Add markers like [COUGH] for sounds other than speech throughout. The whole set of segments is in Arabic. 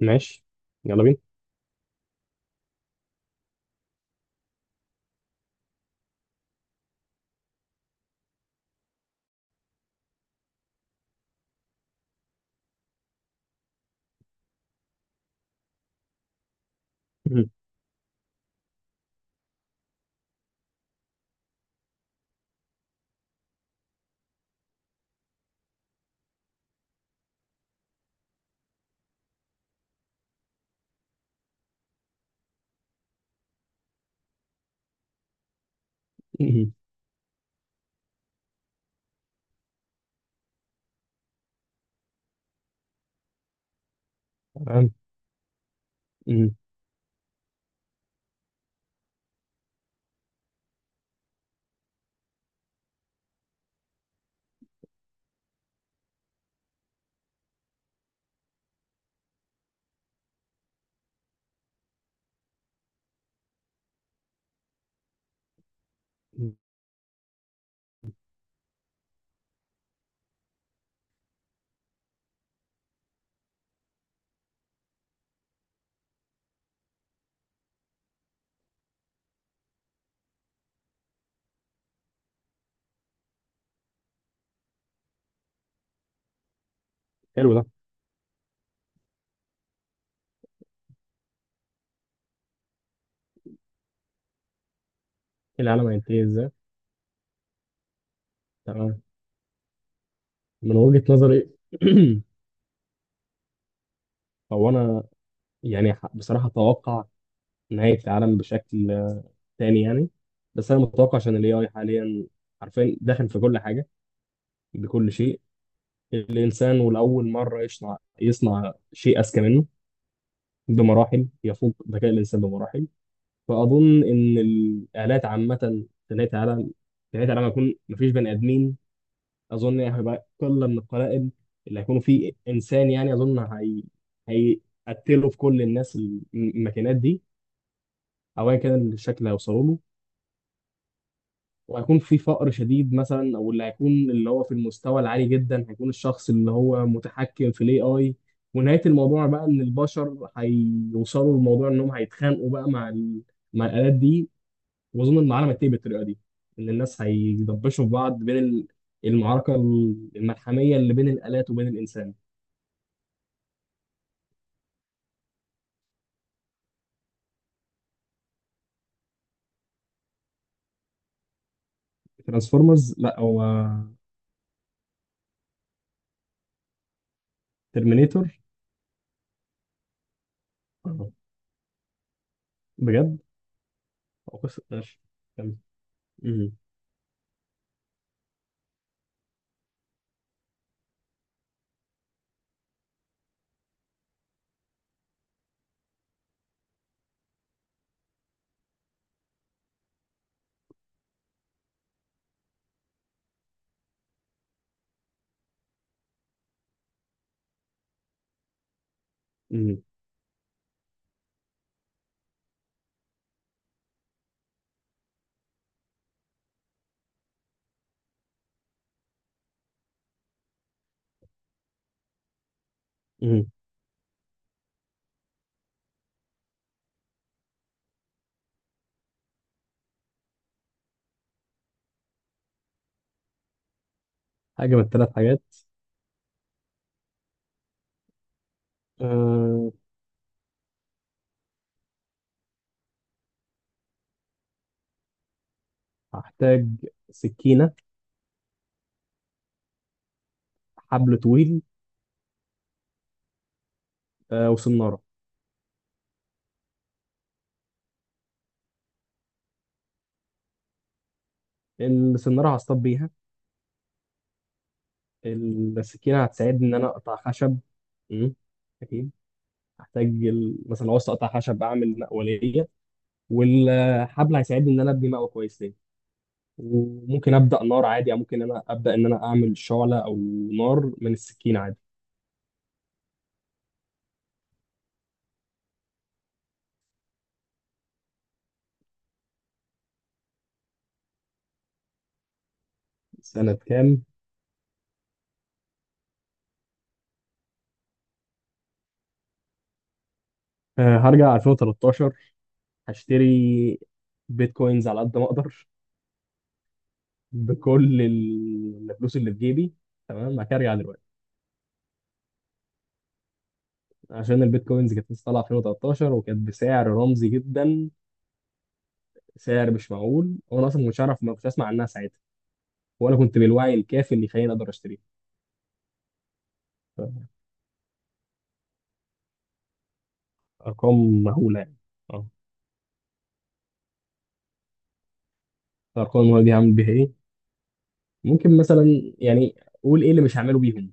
ماشي. يلا بينا. مهم. مهم. تمام. مهم. حلو ده. إيه العالم هينتهي ازاي؟ تمام. من وجهة نظري [CLEARS THROAT] هو انا يعني بصراحة اتوقع نهاية العالم بشكل تاني يعني. بس انا متوقع عشان الاي اي حاليا حرفيا داخل في كل حاجة، بكل شيء. الانسان ولاول مرة يصنع شيء اذكى منه بمراحل، يفوق ذكاء الانسان بمراحل. فاظن ان الالات عامة في نهاية العالم، في نهاية العالم هيكون مفيش بني ادمين. اظن يعني هيبقى قله من القلائل اللي هيكونوا فيه انسان، يعني اظن هي هيقتلوا في كل الناس الماكينات دي، او ايا كان الشكل اللي هيوصلوا له. وهيكون في فقر شديد مثلا، او اللي هيكون اللي هو في المستوى العالي جدا هيكون الشخص اللي هو متحكم في الاي اي. ونهايه الموضوع بقى ان البشر هيوصلوا لموضوع انهم هيتخانقوا بقى مع الالات دي. واظن ان العالم هينتهي بالطريقه دي، ان الناس هيدبشوا في بعض بين المعركه الملحميه اللي بين الالات وبين الانسان. ترانسفورمرز لا هو. ترمينيتور. آه، بجد. هو قصة ماشي. كمل. مم. مم. مم. حاجة من الثلاث حاجات. أه... هحتاج سكينة، حبل طويل، وسنارة. السنارة هصطاد بيها. السكينة هتساعدني إن أنا أقطع خشب. مم. أكيد. هحتاج مثلا لو عاوز أقطع خشب أعمل مقولية، والحبل هيساعدني إن أنا أبني مقوى كويس ليه. وممكن أبدأ نار عادي، أو ممكن أنا أبدأ إن أنا أعمل شعلة، أو نار من السكينة عادي. سنة كام؟ هرجع 2013. هشتري بيتكوينز على قد ما اقدر بكل الفلوس اللي في جيبي. تمام، بعد كده ارجع دلوقتي. عشان البيتكوينز كانت لسه طالعه 2013 وكانت بسعر رمزي جدا، سعر مش معقول، وانا اصلا ما كنتش اعرف، ما كنتش اسمع عنها ساعتها، ولا كنت بالوعي الكافي اللي يخليني اقدر اشتريها. ارقام مهوله يعني. اه. الارقام المهوله دي هعمل بيها ايه؟ ممكن مثلا يعني قول ايه اللي مش هعمله بيهم.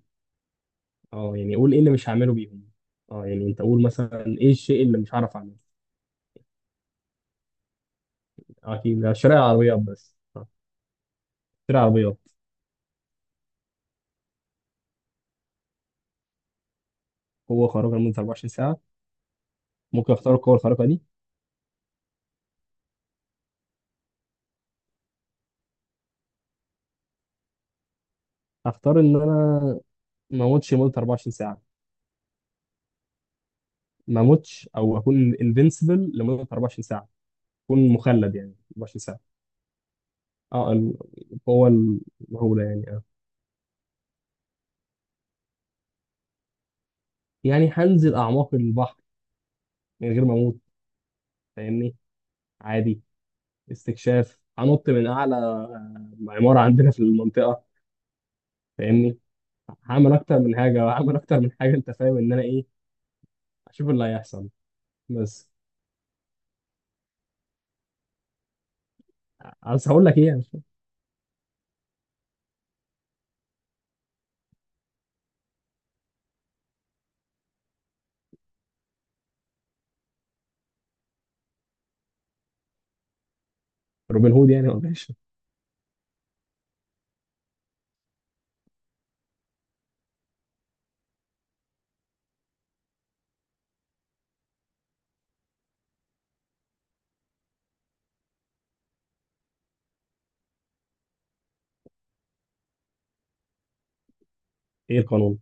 اه يعني قول ايه اللي مش هعمله بيهم. اه يعني انت قول مثلا ايه الشيء اللي مش هعرف اعمله. اه، اكيد ده شراء العربيات بس شراء العربيات. قوة خارقة لمدة 24 ساعة. ممكن اختار القوة الخارقة دي. هختار ان انا ما اموتش لمدة 24 ساعة، ما اموتش او اكون انفنسبل لمدة 24 ساعة، اكون مخلد يعني 24 ساعة. اه القوة المهولة يعني اه. يعني هنزل اعماق البحر من غير ما اموت، فاهمني، عادي. استكشاف. هنط من اعلى عمارة عندنا في المنطقة، فاهمني. هعمل اكتر من حاجه، وهعمل اكتر من حاجه، انت فاهم ان انا ايه. اشوف اللي هيحصل بس. عايز هقول لك ايه يعني. روبن هود يعني ولا ايش؟ ايه القانون؟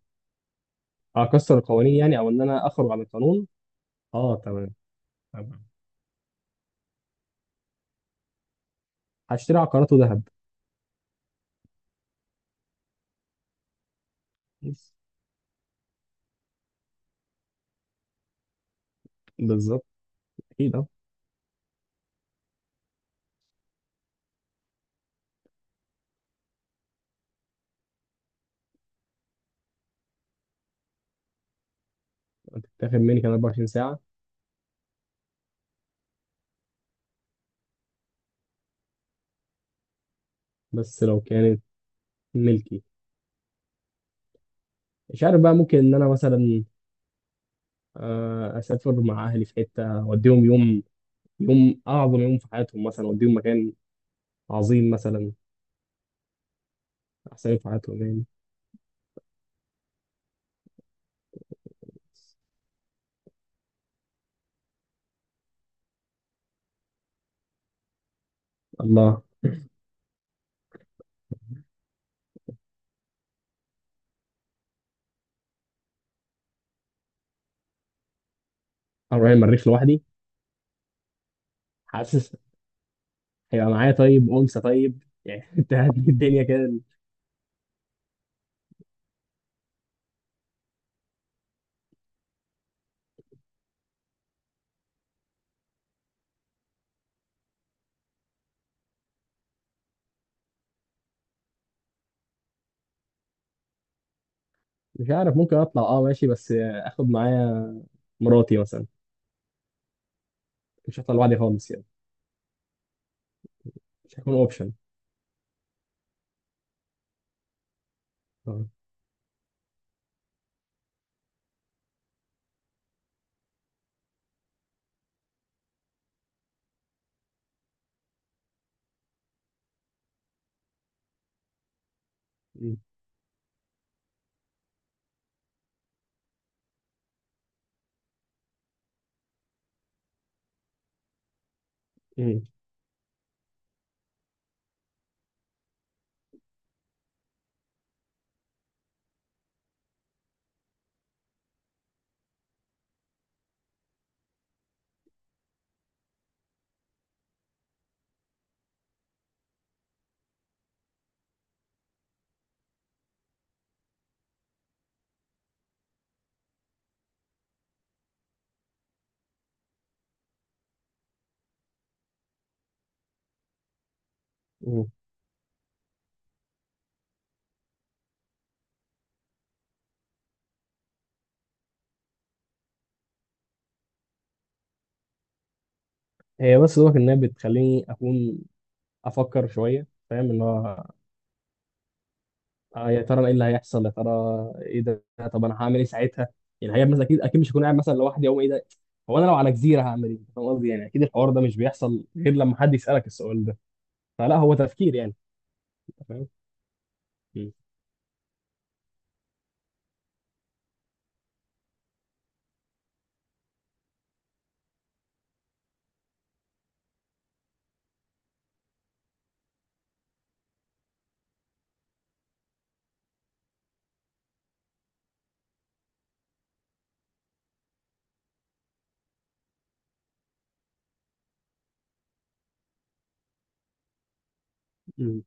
اكسر القوانين يعني، او ان انا اخرج عن القانون. اه تمام، تمام. هشتري عقارات وذهب بس. بالظبط، اكيد اه. هتتاخد مني كمان 24 ساعه؟ بس لو كانت ملكي، مش عارف بقى، ممكن ان انا مثلا اسافر مع اهلي في حته، اوديهم يوم، يوم اعظم يوم في حياتهم مثلا، اوديهم مكان عظيم مثلا، احسن يوم في حياتهم يعني. الله. انا رايح المريخ لوحدي؟ حاسس هيبقى معايا طيب انثى طيب يعني [LAUGHS] تهدي الدنيا كده. مش عارف، ممكن اطلع اه ماشي، بس اخد معايا مراتي مثلا، مش هطلع لوحدي خالص يعني، مش هيكون اوبشن. اه. م- م- م. هي بس دوك انها بتخليني اكون افكر شويه، فاهم اللي هو، آه يا ترى ايه اللي هيحصل، يا ترى ايه ده، طب انا هعمل ايه ساعتها، يعني هي مثلا اكيد اكيد مش هكون قاعد مثلا لوحدي او ايه ده، هو انا لو على جزيره هعمل ايه، فاهم قصدي، يعني اكيد الحوار ده مش بيحصل غير لما حد يسالك السؤال ده، فلا هو تفكير يعني. مم. مم.